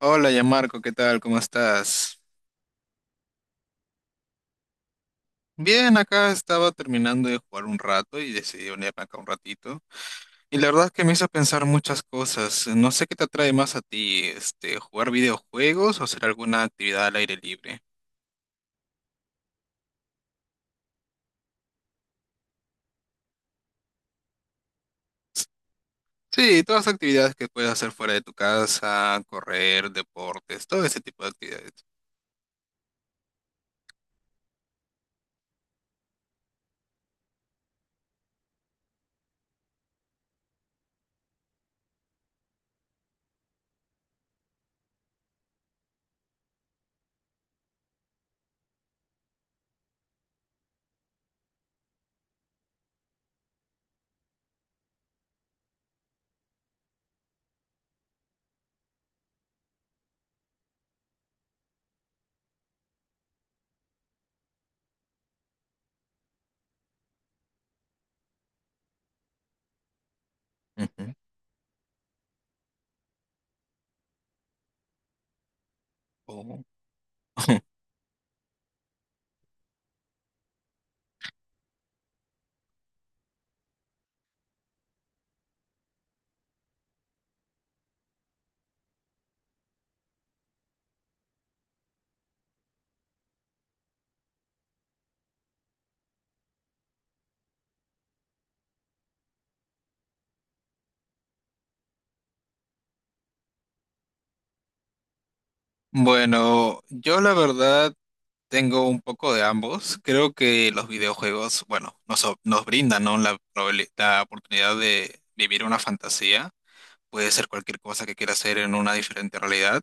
Hola, ya Marco, ¿qué tal? ¿Cómo estás? Bien, acá estaba terminando de jugar un rato y decidí unirme acá un ratito. Y la verdad es que me hizo pensar muchas cosas. No sé qué te atrae más a ti, jugar videojuegos o hacer alguna actividad al aire libre. Sí, todas las actividades que puedes hacer fuera de tu casa, correr, deportes, todo ese tipo de actividades. Ujú. Oh. Bueno, yo la verdad, tengo un poco de ambos. Creo que los videojuegos, bueno, nos brindan, ¿no?, la oportunidad de vivir una fantasía. Puede ser cualquier cosa que quiera hacer en una diferente realidad.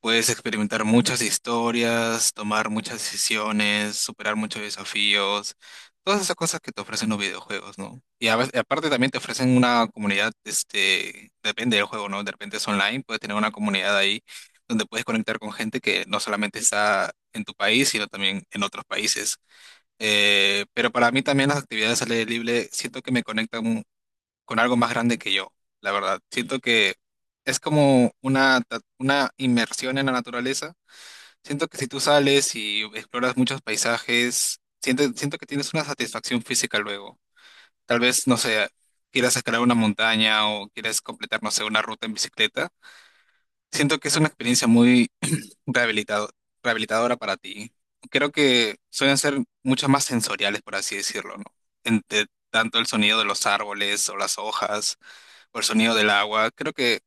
Puedes experimentar muchas historias, tomar muchas decisiones, superar muchos desafíos, todas esas cosas que te ofrecen los videojuegos, ¿no? Y aparte también te ofrecen una comunidad, depende del juego, ¿no? De repente es online, puedes tener una comunidad ahí donde puedes conectar con gente que no solamente está en tu país, sino también en otros países. Pero para mí también las actividades al aire libre siento que me conectan con algo más grande que yo, la verdad. Siento que es como una inmersión en la naturaleza. Siento que si tú sales y exploras muchos paisajes, siento que tienes una satisfacción física luego. Tal vez, no sé, quieras escalar una montaña o quieras completar, no sé, una ruta en bicicleta. Siento que es una experiencia muy rehabilitado- rehabilitadora para ti. Creo que suelen ser mucho más sensoriales, por así decirlo, ¿no? Entre tanto el sonido de los árboles o las hojas o el sonido del agua. Creo que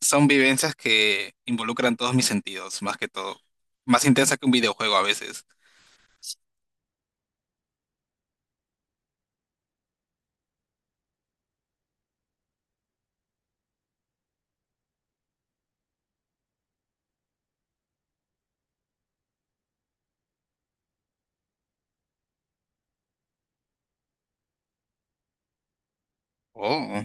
son vivencias que involucran todos mis sentidos, más que todo. Más intensa que un videojuego a veces. Oh,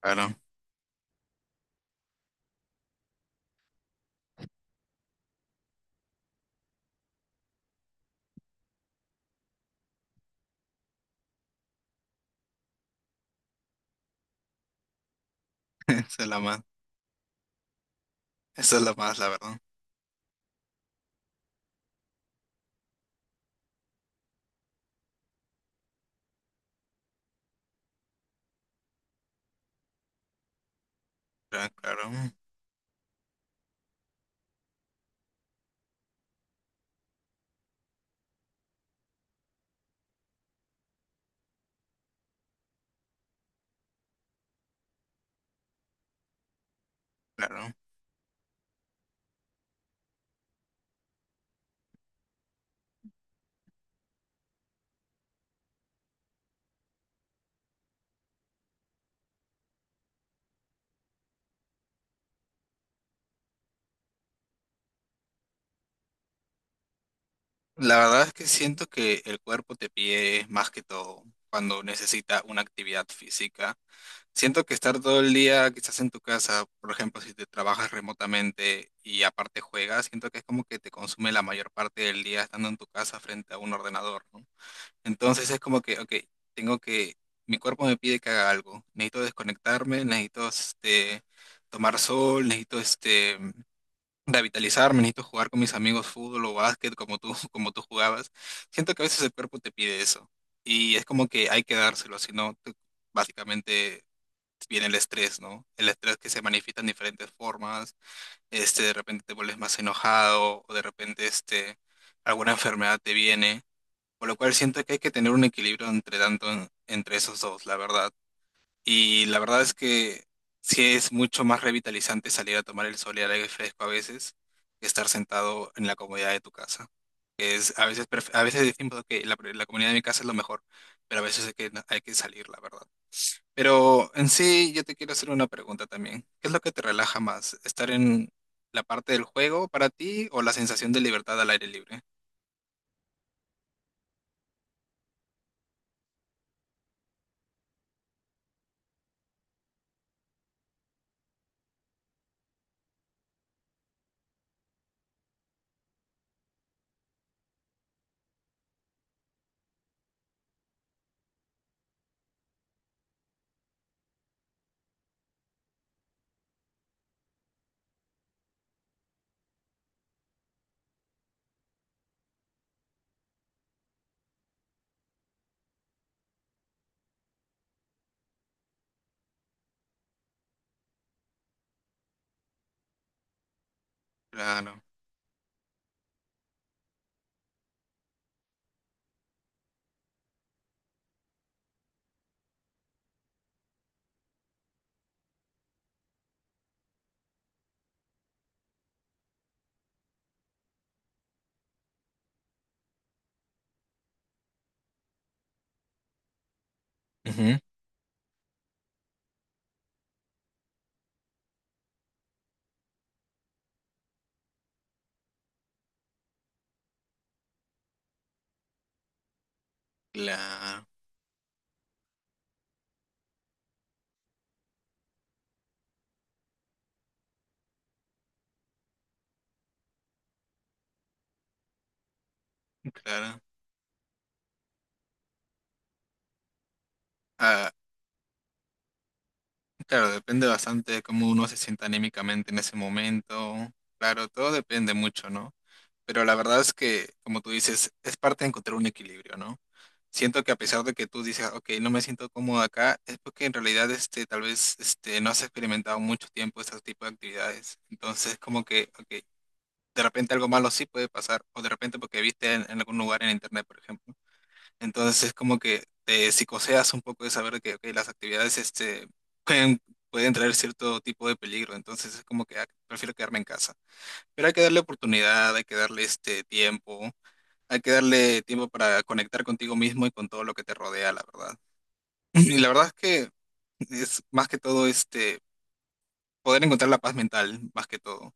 claro. Esa es la más, esa es la más, la verdad. Claro, claro, claro. La verdad es que siento que el cuerpo te pide más que todo cuando necesita una actividad física. Siento que estar todo el día quizás en tu casa, por ejemplo, si te trabajas remotamente y aparte juegas, siento que es como que te consume la mayor parte del día estando en tu casa frente a un ordenador, ¿no? Entonces es como que, ok, tengo que, mi cuerpo me pide que haga algo. Necesito desconectarme, necesito, tomar sol, necesito, revitalizarme, necesito jugar con mis amigos fútbol o básquet como tú, como tú jugabas. Siento que a veces el cuerpo te pide eso. Y es como que hay que dárselo, si no, básicamente viene el estrés, ¿no? El estrés que se manifiesta en diferentes formas. De repente te vuelves más enojado o de repente, alguna enfermedad te viene. Por lo cual siento que hay que tener un equilibrio entre tanto, entre esos dos, la verdad. Y la verdad es que sí es mucho más revitalizante salir a tomar el sol y el aire fresco a veces que estar sentado en la comodidad de tu casa. Que es, a veces, a veces decimos que la comunidad de mi casa es lo mejor, pero a veces hay que salir, la verdad. Pero en sí, yo te quiero hacer una pregunta también. ¿Qué es lo que te relaja más? ¿Estar en la parte del juego para ti o la sensación de libertad al aire libre? Claro. Ujú. Claro, claro. Ah, claro, depende bastante de cómo uno se sienta anímicamente en ese momento. Claro, todo depende mucho, ¿no? Pero la verdad es que, como tú dices, es parte de encontrar un equilibrio, ¿no? Siento que a pesar de que tú dices, ok, no me siento cómodo acá, es porque en realidad, tal vez, no has experimentado mucho tiempo este tipo de actividades. Entonces, como que, ok, de repente algo malo sí puede pasar, o de repente porque viste en algún lugar en internet, por ejemplo. Entonces es como que te psicoseas un poco de saber que ok, las actividades, pueden, pueden traer cierto tipo de peligro. Entonces es como que ah, prefiero quedarme en casa. Pero hay que darle oportunidad, hay que darle este tiempo, hay que darle tiempo para conectar contigo mismo y con todo lo que te rodea, la verdad. Y la verdad es que es más que todo, poder encontrar la paz mental, más que todo.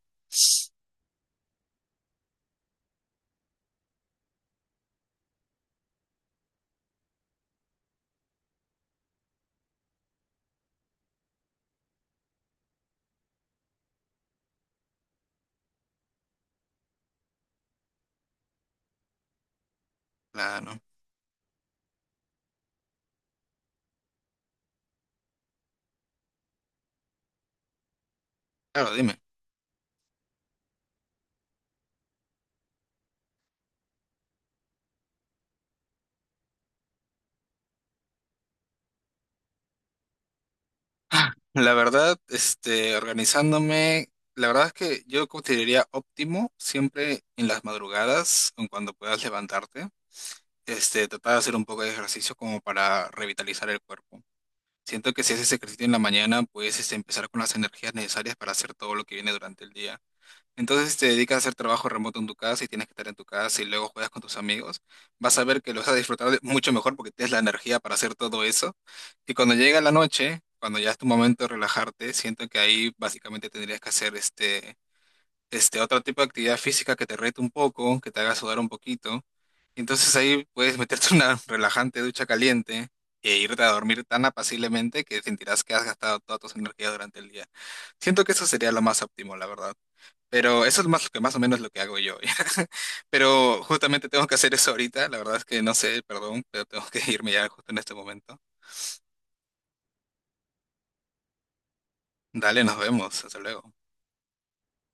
Claro. Claro, dime. La verdad, organizándome, la verdad es que yo consideraría óptimo siempre en las madrugadas, en cuando puedas levantarte, tratar de hacer un poco de ejercicio como para revitalizar el cuerpo. Siento que si haces ejercicio en la mañana, puedes, empezar con las energías necesarias para hacer todo lo que viene durante el día. Entonces, si te dedicas a hacer trabajo remoto en tu casa y tienes que estar en tu casa y luego juegas con tus amigos, vas a ver que lo vas a mucho mejor porque tienes la energía para hacer todo eso. Y cuando llega la noche, cuando ya es tu momento de relajarte, siento que ahí básicamente tendrías que hacer, este otro tipo de actividad física que te rete un poco, que te haga sudar un poquito. Entonces ahí puedes meterte una relajante ducha caliente e irte a dormir tan apaciblemente que sentirás que has gastado toda tu energía durante el día. Siento que eso sería lo más óptimo, la verdad. Pero eso es más lo que más o menos lo que hago yo. Pero justamente tengo que hacer eso ahorita. La verdad es que no sé, perdón, pero tengo que irme ya justo en este momento. Dale, nos vemos. Hasta luego.